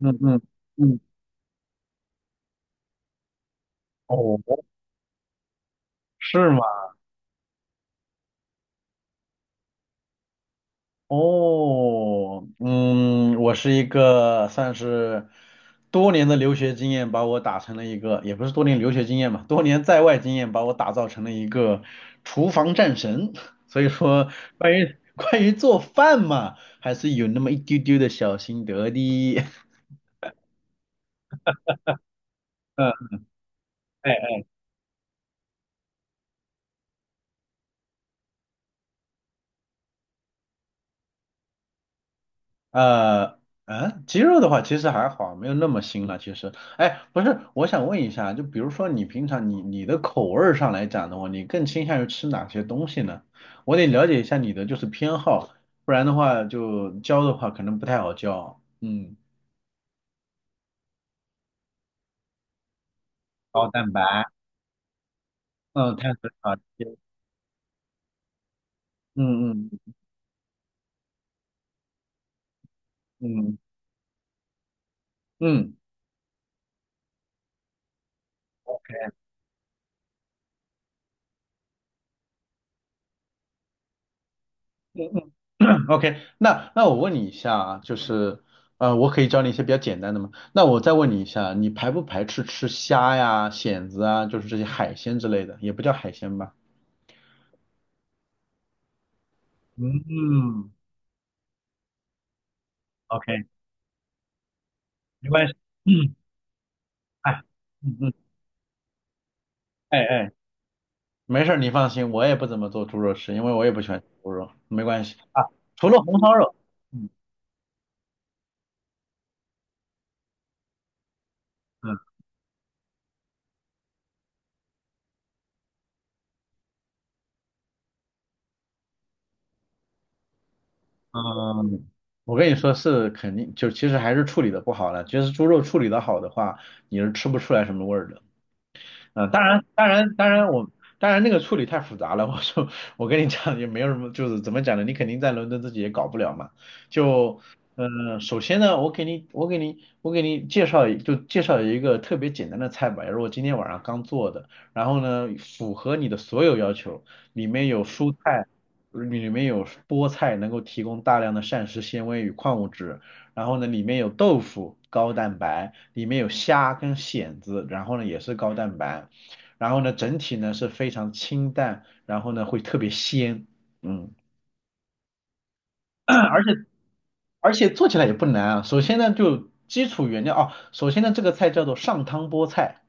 嗯嗯嗯，哦，是吗？哦，我是一个算是多年的留学经验把我打成了一个，也不是多年留学经验吧，多年在外经验把我打造成了一个厨房战神。所以说，关于做饭嘛，还是有那么一丢丢的小心得的。嗯，哎。呃，鸡肉的话其实还好，没有那么腥了。其实，哎，不是，我想问一下，就比如说你平常你的口味儿上来讲的话，你更倾向于吃哪些东西呢？我得了解一下你的就是偏好，不然的话就教的话可能不太好教。嗯，高蛋白，嗯，碳水少吃，嗯嗯嗯嗯嗯嗯。OK，那我问你一下啊，就是，我可以教你一些比较简单的吗？那我再问你一下，你排不排斥吃虾呀、蚬子啊，就是这些海鲜之类的，也不叫海鲜吧？嗯，OK，没关系。嗯，哎，嗯嗯，哎哎，没事儿，你放心，我也不怎么做猪肉吃，因为我也不喜欢吃猪肉，没关系啊。除了红烧肉，嗯嗯嗯，我跟你说是肯定，就其实还是处理的不好了。其实猪肉处理的好的话，你是吃不出来什么味儿的。嗯，当然，当然，当然我，当然那个处理太复杂了。我说，我跟你讲，也没有什么，就是怎么讲呢？你肯定在伦敦自己也搞不了嘛。就，嗯，首先呢，我给你介绍一个特别简单的菜吧，也是我今天晚上刚做的。然后呢，符合你的所有要求，里面有蔬菜，里面有菠菜，能够提供大量的膳食纤维与矿物质。然后呢，里面有豆腐，高蛋白，里面有虾跟蚬子，然后呢也是高蛋白，然后呢整体呢是非常清淡，然后呢会特别鲜，嗯，而且而且做起来也不难啊。首先呢就基础原料哦，首先呢这个菜叫做上汤菠菜，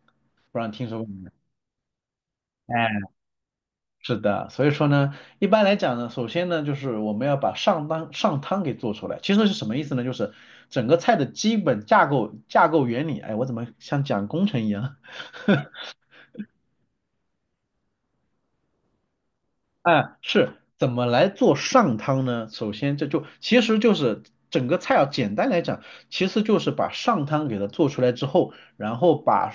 不知道你听说过没有？是的，所以说呢，一般来讲呢，首先呢，就是我们要把上汤给做出来。其实是什么意思呢？就是整个菜的基本架构原理。哎，我怎么像讲工程一样？哎，是怎么来做上汤呢？首先这就其实就是整个菜要简单来讲，其实就是把上汤给它做出来之后，然后把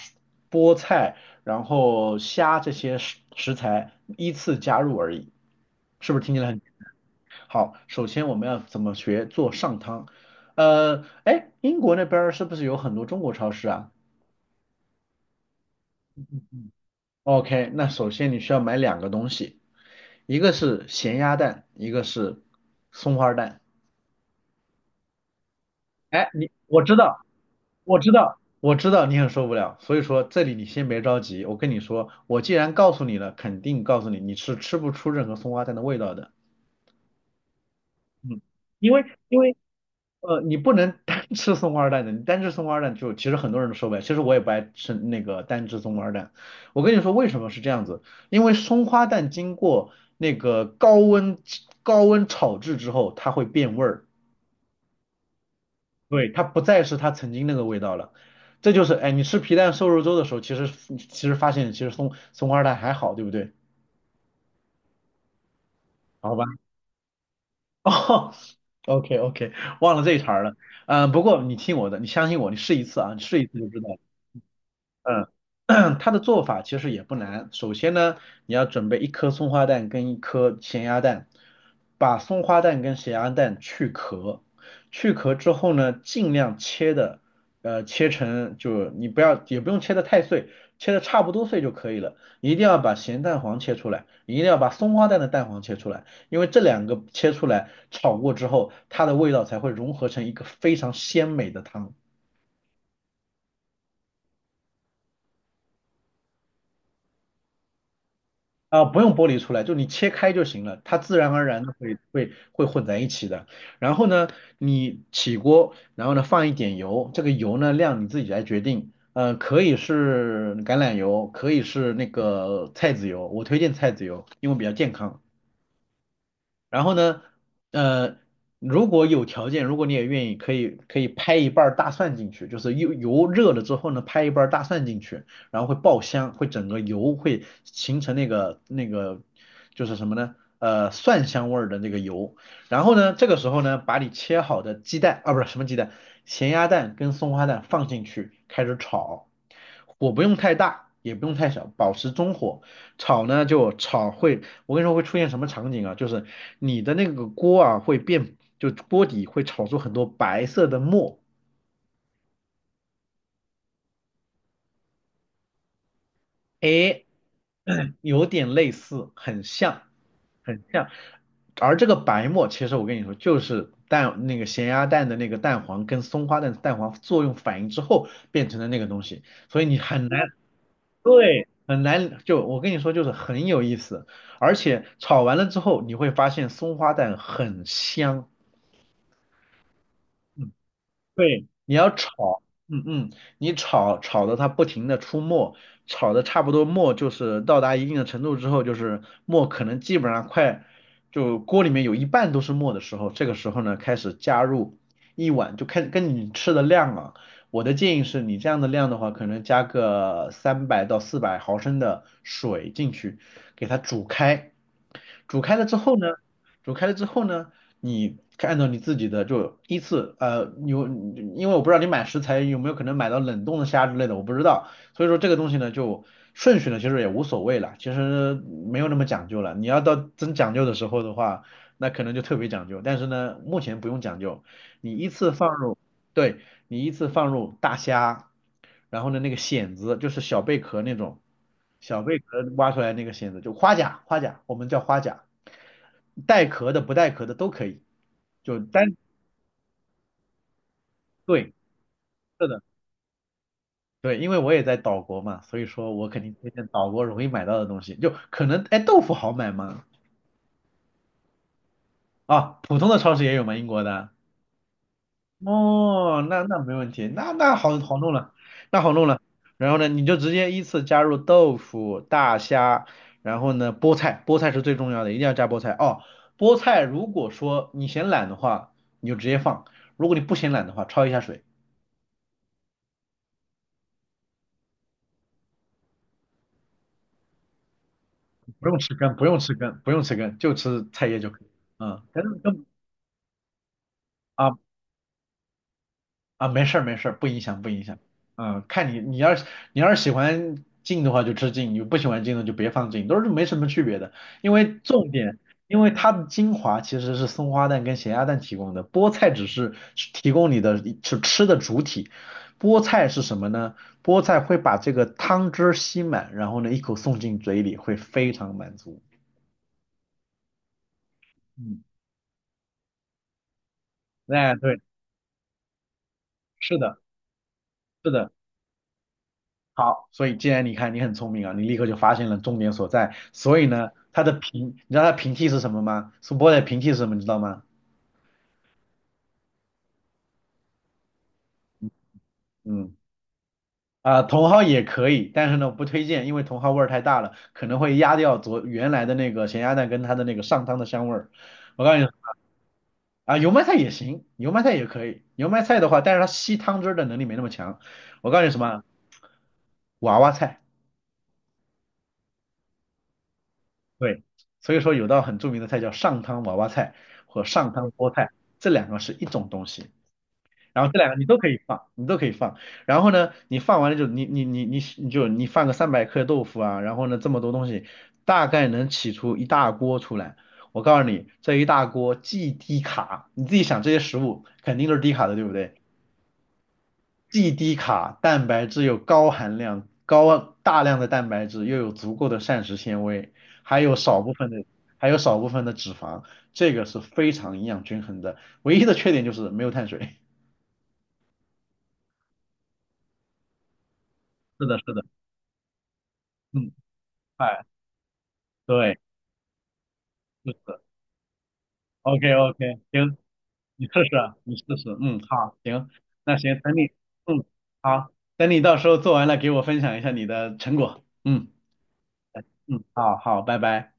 菠菜、然后虾这些食材依次加入而已，是不是听起来很？好，首先我们要怎么学做上汤？哎，英国那边儿是不是有很多中国超市啊？OK，那首先你需要买两个东西，一个是咸鸭蛋，一个是松花蛋。哎，你我知道，我知道，我知道你很受不了，所以说这里你先别着急，我跟你说，我既然告诉你了，肯定告诉你你是吃不出任何松花蛋的味道的。嗯，因为因为你不能单吃松花蛋的，你单吃松花蛋就其实很多人都受不了。其实我也不爱吃那个单吃松花蛋。我跟你说为什么是这样子，因为松花蛋经过那个高温炒制之后，它会变味儿，对，它不再是它曾经那个味道了。这就是，哎，你吃皮蛋瘦肉粥的时候，其实发现其实松花蛋还好，对不对？好吧，哦，OK OK，忘了这一茬儿了。嗯、不过你听我的，你相信我，你试一次啊，你试一次就知道。嗯，它的做法其实也不难。首先呢，你要准备一颗松花蛋跟一颗咸鸭蛋，把松花蛋跟咸鸭蛋去壳，去壳之后呢，尽量切的，切成就你不要也不用切的太碎，切的差不多碎就可以了。一定要把咸蛋黄切出来，一定要把松花蛋的蛋黄切出来，因为这两个切出来炒过之后，它的味道才会融合成一个非常鲜美的汤。啊，不用剥离出来，就你切开就行了，它自然而然的会混在一起的。然后呢，你起锅，然后呢放一点油，这个油呢量你自己来决定，嗯，可以是橄榄油，可以是那个菜籽油，我推荐菜籽油，因为比较健康。然后呢，呃，如果有条件，如果你也愿意，可以拍一半儿大蒜进去，就是油热了之后呢，拍一半儿大蒜进去，然后会爆香，会整个油会形成那个就是什么呢？蒜香味儿的那个油。然后呢，这个时候呢，把你切好的鸡蛋啊，不是什么鸡蛋，咸鸭蛋跟松花蛋放进去，开始炒，火不用太大。也不用太小，保持中火。炒呢就炒会我跟你说会出现什么场景啊？就是你的那个锅啊会变，就锅底会炒出很多白色的沫。哎，有点类似，很像，很像。而这个白沫，其实我跟你说，就是蛋那个咸鸭蛋的那个蛋黄跟松花蛋的蛋黄作用反应之后变成的那个东西，所以你很难，对，很难。就我跟你说，就是很有意思，而且炒完了之后，你会发现松花蛋很香。对，你要炒，嗯嗯，你炒炒的它不停的出沫，炒的差不多沫就是到达一定的程度之后，就是沫可能基本上快就锅里面有一半都是沫的时候，这个时候呢开始加入一碗，就开始跟你吃的量啊，我的建议是你这样的量的话，可能加个300到400毫升的水进去，给它煮开，煮开了之后呢，煮开了之后呢。你按照你自己的就依次有因为我不知道你买食材有没有可能买到冷冻的虾之类的，我不知道，所以说这个东西呢就顺序呢其实也无所谓了，其实没有那么讲究了。你要到真讲究的时候的话，那可能就特别讲究，但是呢目前不用讲究，你依次放入，对，你依次放入大虾，然后呢那个蚬子就是小贝壳那种，小贝壳挖出来那个蚬子就花甲，花甲我们叫花甲，带壳的不带壳的都可以，就单对是的对，因为我也在岛国嘛，所以说我肯定推荐岛国容易买到的东西，就可能哎豆腐好买吗？啊，普通的超市也有吗？英国的？哦，那没问题，那好好弄了，那好弄了。然后呢，你就直接依次加入豆腐、大虾，然后呢，菠菜，菠菜是最重要的，一定要加菠菜哦。菠菜如果说你嫌懒的话，你就直接放；如果你不嫌懒的话，焯一下水，不用吃根，不用吃根，不用吃根，就吃菜叶就可以。嗯，根根啊啊，没事儿没事儿，不影响不影响。嗯，看你你要是喜欢静的话就吃静，你不喜欢静的就别放静，都是没什么区别的。因为重点，因为它的精华其实是松花蛋跟咸鸭蛋提供的，菠菜只是提供你的是吃的主体。菠菜是什么呢？菠菜会把这个汤汁儿吸满，然后呢一口送进嘴里，会非常满足。嗯，哎，对，是的，是的。好，所以既然你看你很聪明啊，你立刻就发现了重点所在。所以呢，它的平，你知道它的平替是什么吗？苏泊的平替是什么？你知道吗？嗯，啊、茼蒿也可以，但是呢，我不推荐，因为茼蒿味儿太大了，可能会压掉昨原来的那个咸鸭蛋跟它的那个上汤的香味儿。我告诉你啊、油麦菜也行，油麦菜也可以。油麦菜的话，但是它吸汤汁儿的能力没那么强。我告诉你什么，娃娃菜。对，所以说有道很著名的菜叫上汤娃娃菜和上汤菠菜，这两个是一种东西。然后这两个你都可以放，你都可以放。然后呢，你放完了就你你你你你就你放个300克豆腐啊，然后呢这么多东西，大概能起出一大锅出来。我告诉你，这一大锅既低卡，你自己想这些食物肯定都是低卡的，对不对？既低卡，蛋白质又高含量，高大量的蛋白质又有足够的膳食纤维，还有少部分的还有少部分的脂肪，这个是非常营养均衡的。唯一的缺点就是没有碳水。是的，是的，嗯，哎，对，是的，OK OK，行，你试试啊，你试试，嗯，好，行，那行，等你，嗯，好，等你到时候做完了，给我分享一下你的成果，嗯嗯，好好，拜拜。